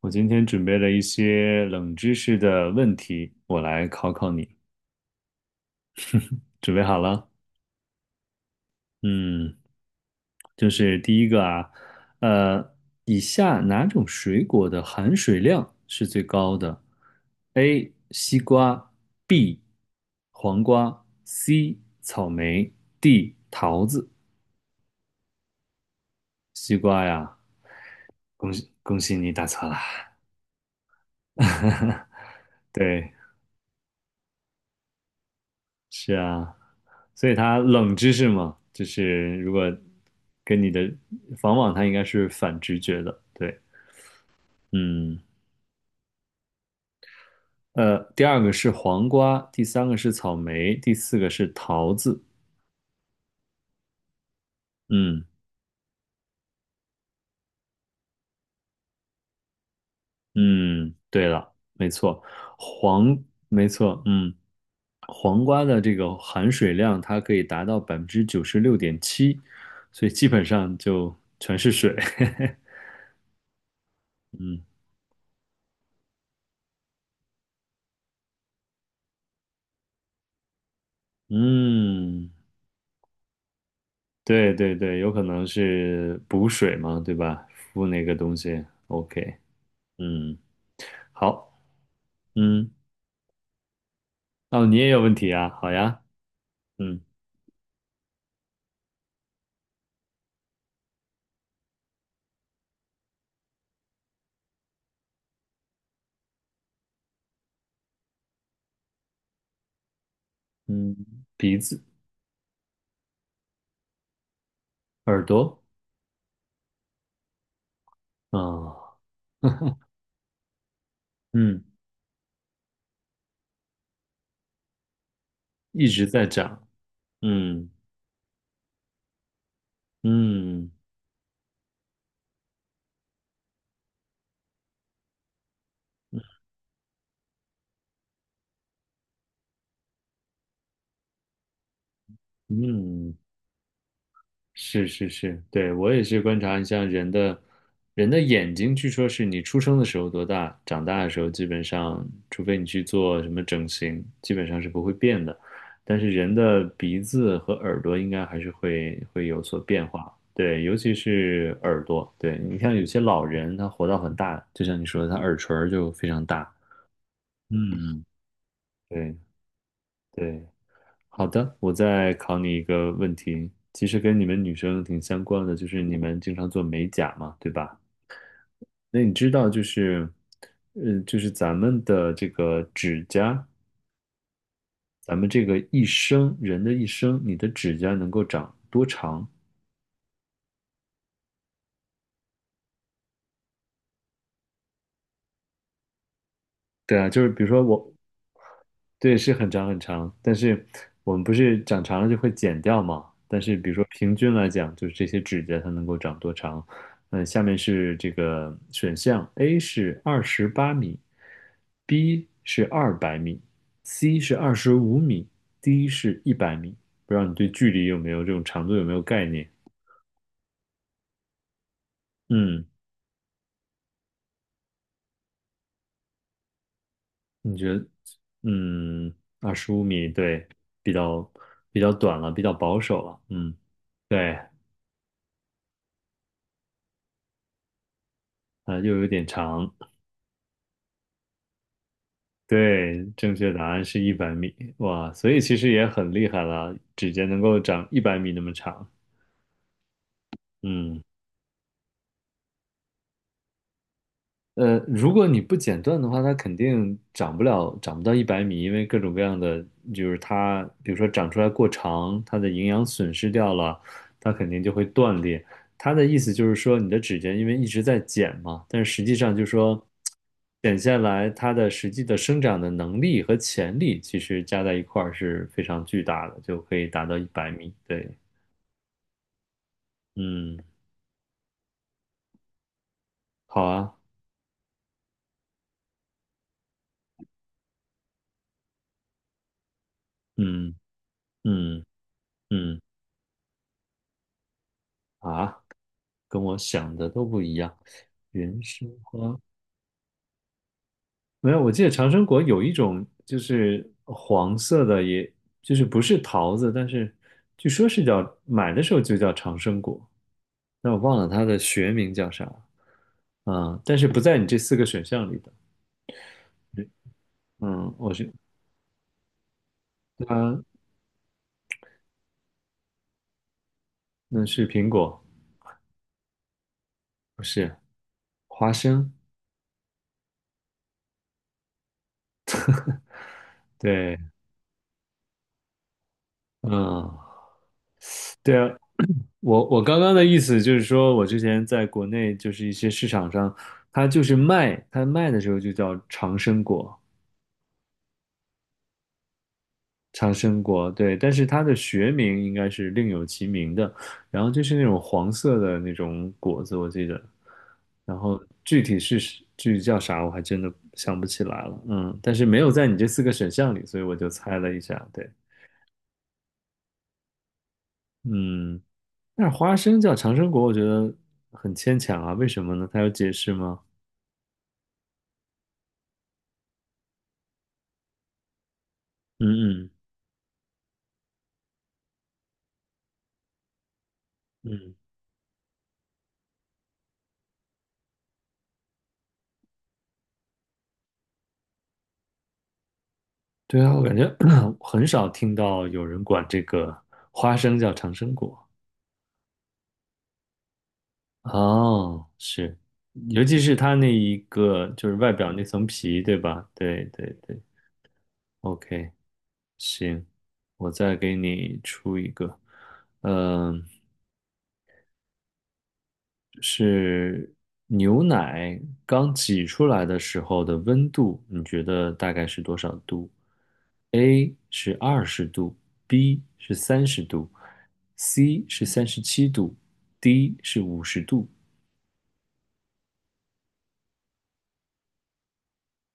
我今天准备了一些冷知识的问题，我来考考你。准备好了？嗯，就是第一个啊，呃，以下哪种水果的含水量是最高的？A. 西瓜 B. 黄瓜 C. 草莓 D. 桃子。西瓜呀，恭喜恭喜你答错了。对，是啊。所以它冷知识嘛，就是如果跟你的往往它应该是反直觉的，对，嗯，第二个是黄瓜，第三个是草莓，第四个是桃子，嗯嗯，对了，没错，黄，没错，嗯，黄瓜的这个含水量它可以达到96.7%，所以基本上就全是水，嗯嗯。对对对，有可能是补水嘛，对吧？敷那个东西。OK，嗯，好，嗯，哦，你也有问题啊？好呀，嗯嗯，鼻子、耳朵，啊、嗯，一直在长，嗯嗯嗯。是是是，对，我也是观察你像人的眼睛，据说是你出生的时候多大，长大的时候基本上，除非你去做什么整形，基本上是不会变的。但是人的鼻子和耳朵应该还是会有所变化，对，尤其是耳朵，对，你像有些老人他活到很大，就像你说的，他耳垂儿就非常大，嗯，对对，好的，我再考你一个问题，其实跟你们女生挺相关的，就是你们经常做美甲嘛，对吧？那你知道就是，嗯，就是咱们的这个指甲，咱们这个一生，人的一生，你的指甲能够长多长？对啊，就是比如说我对，是很长很长，但是我们不是长长了就会剪掉嘛？但是比如说平均来讲，就是这些指甲它能够长多长？嗯，下面是这个选项：A 是28米，B 是200米，C 是二十五米，D 是一百米。不知道你对距离有没有这种长度有没有概念？嗯，你觉得？嗯，二十五米，对，比较比较短了，比较保守了。嗯，对，啊、又有点长。对，正确答案是一百米，哇，所以其实也很厉害了，指甲能够长一百米那么长。嗯。如果你不剪断的话，它肯定长不了，长不到一百米，因为各种各样的，就是它，比如说长出来过长，它的营养损失掉了，它肯定就会断裂。它的意思就是说，你的指甲因为一直在剪嘛，但是实际上就是说，剪下来它的实际的生长的能力和潜力，其实加在一块儿是非常巨大的，就可以达到一百米。对，嗯，好啊，嗯嗯嗯啊。跟我想的都不一样。原生没有，我记得长生果有一种就是黄色的也，就是不是桃子，但是据说是叫买的时候就叫长生果，但我忘了它的学名叫啥。嗯，但是不在你这四个选项里的。嗯，我是它，那是苹果，不是花生。对，嗯，对啊，我刚刚的意思就是说，我之前在国内就是一些市场上，它就是卖，它卖的时候就叫长生果，长生果，对，但是它的学名应该是另有其名的，然后就是那种黄色的那种果子，我记得，然后具体是具体叫啥，我还真的想不起来了，嗯，但是没有在你这四个选项里，所以我就猜了一下，对，嗯，但是花生叫长生果，我觉得很牵强啊，为什么呢？它有解释吗？嗯嗯嗯，对啊，我感觉 很少听到有人管这个花生叫长生果。哦，是，尤其是它那一个就是外表那层皮，对吧？对对对，OK，行，我再给你出一个，嗯、是牛奶刚挤出来的时候的温度，你觉得大概是多少度？A 是20度，B 是30度，C 是三十七度，D 是50度。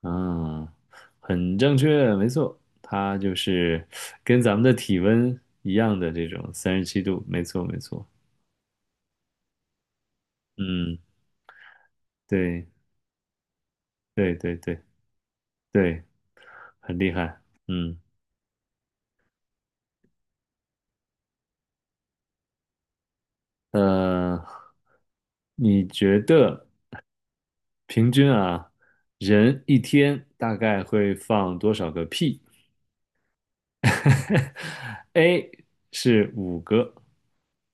啊，很正确，没错，它就是跟咱们的体温一样的这种三十七度，没错，没错。嗯，对，对，对，对，对，很厉害。嗯。呃，你觉得平均啊，人一天大概会放多少个屁 ？A 是五个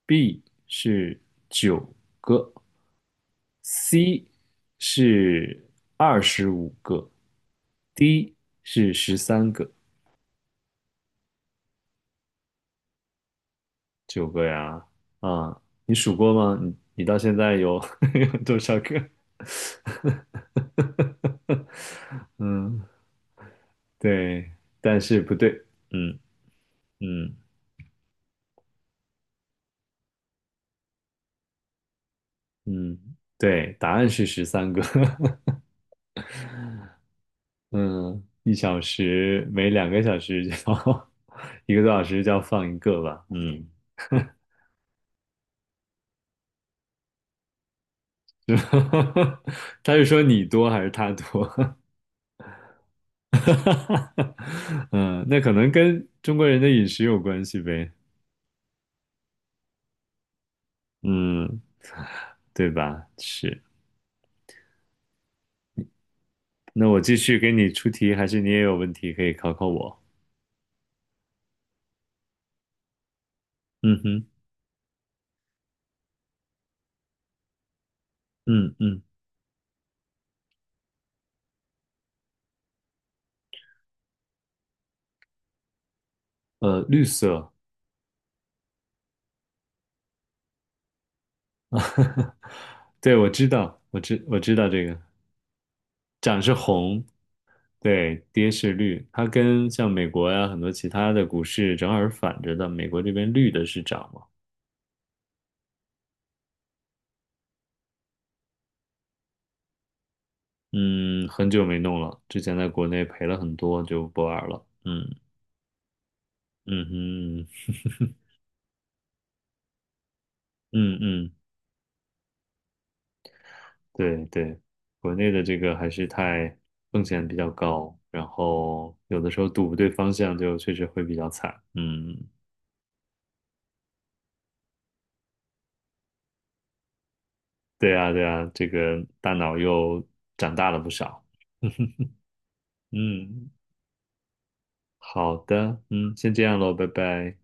，B 是九个，C 是25个，D 是十三个，九个呀。啊，你数过吗？你到现在有 有多少个？嗯。对，但是不对，嗯嗯嗯，对，答案是十三个，嗯，一小时每2个小时叫 一个多小时就要放一个吧，嗯，是吧 他是说你多还是他多？嗯，那可能跟中国人的饮食有关系呗，嗯，对吧？是，那我继续给你出题，还是你也有问题可以考考我？嗯哼，嗯嗯，绿色。啊，对，我知道，我知道这个，涨是红，对，跌是绿，它跟像美国呀、很多其他的股市正好是反着的，美国这边绿的是涨嘛，嗯，很久没弄了，之前在国内赔了很多，就不玩了，嗯嗯哼，嗯嗯，对对，国内的这个还是太风险比较高，然后有的时候赌不对方向就确实会比较惨，嗯对啊，对啊，这个大脑又长大了不少。嗯，好的，嗯，先这样喽，拜拜。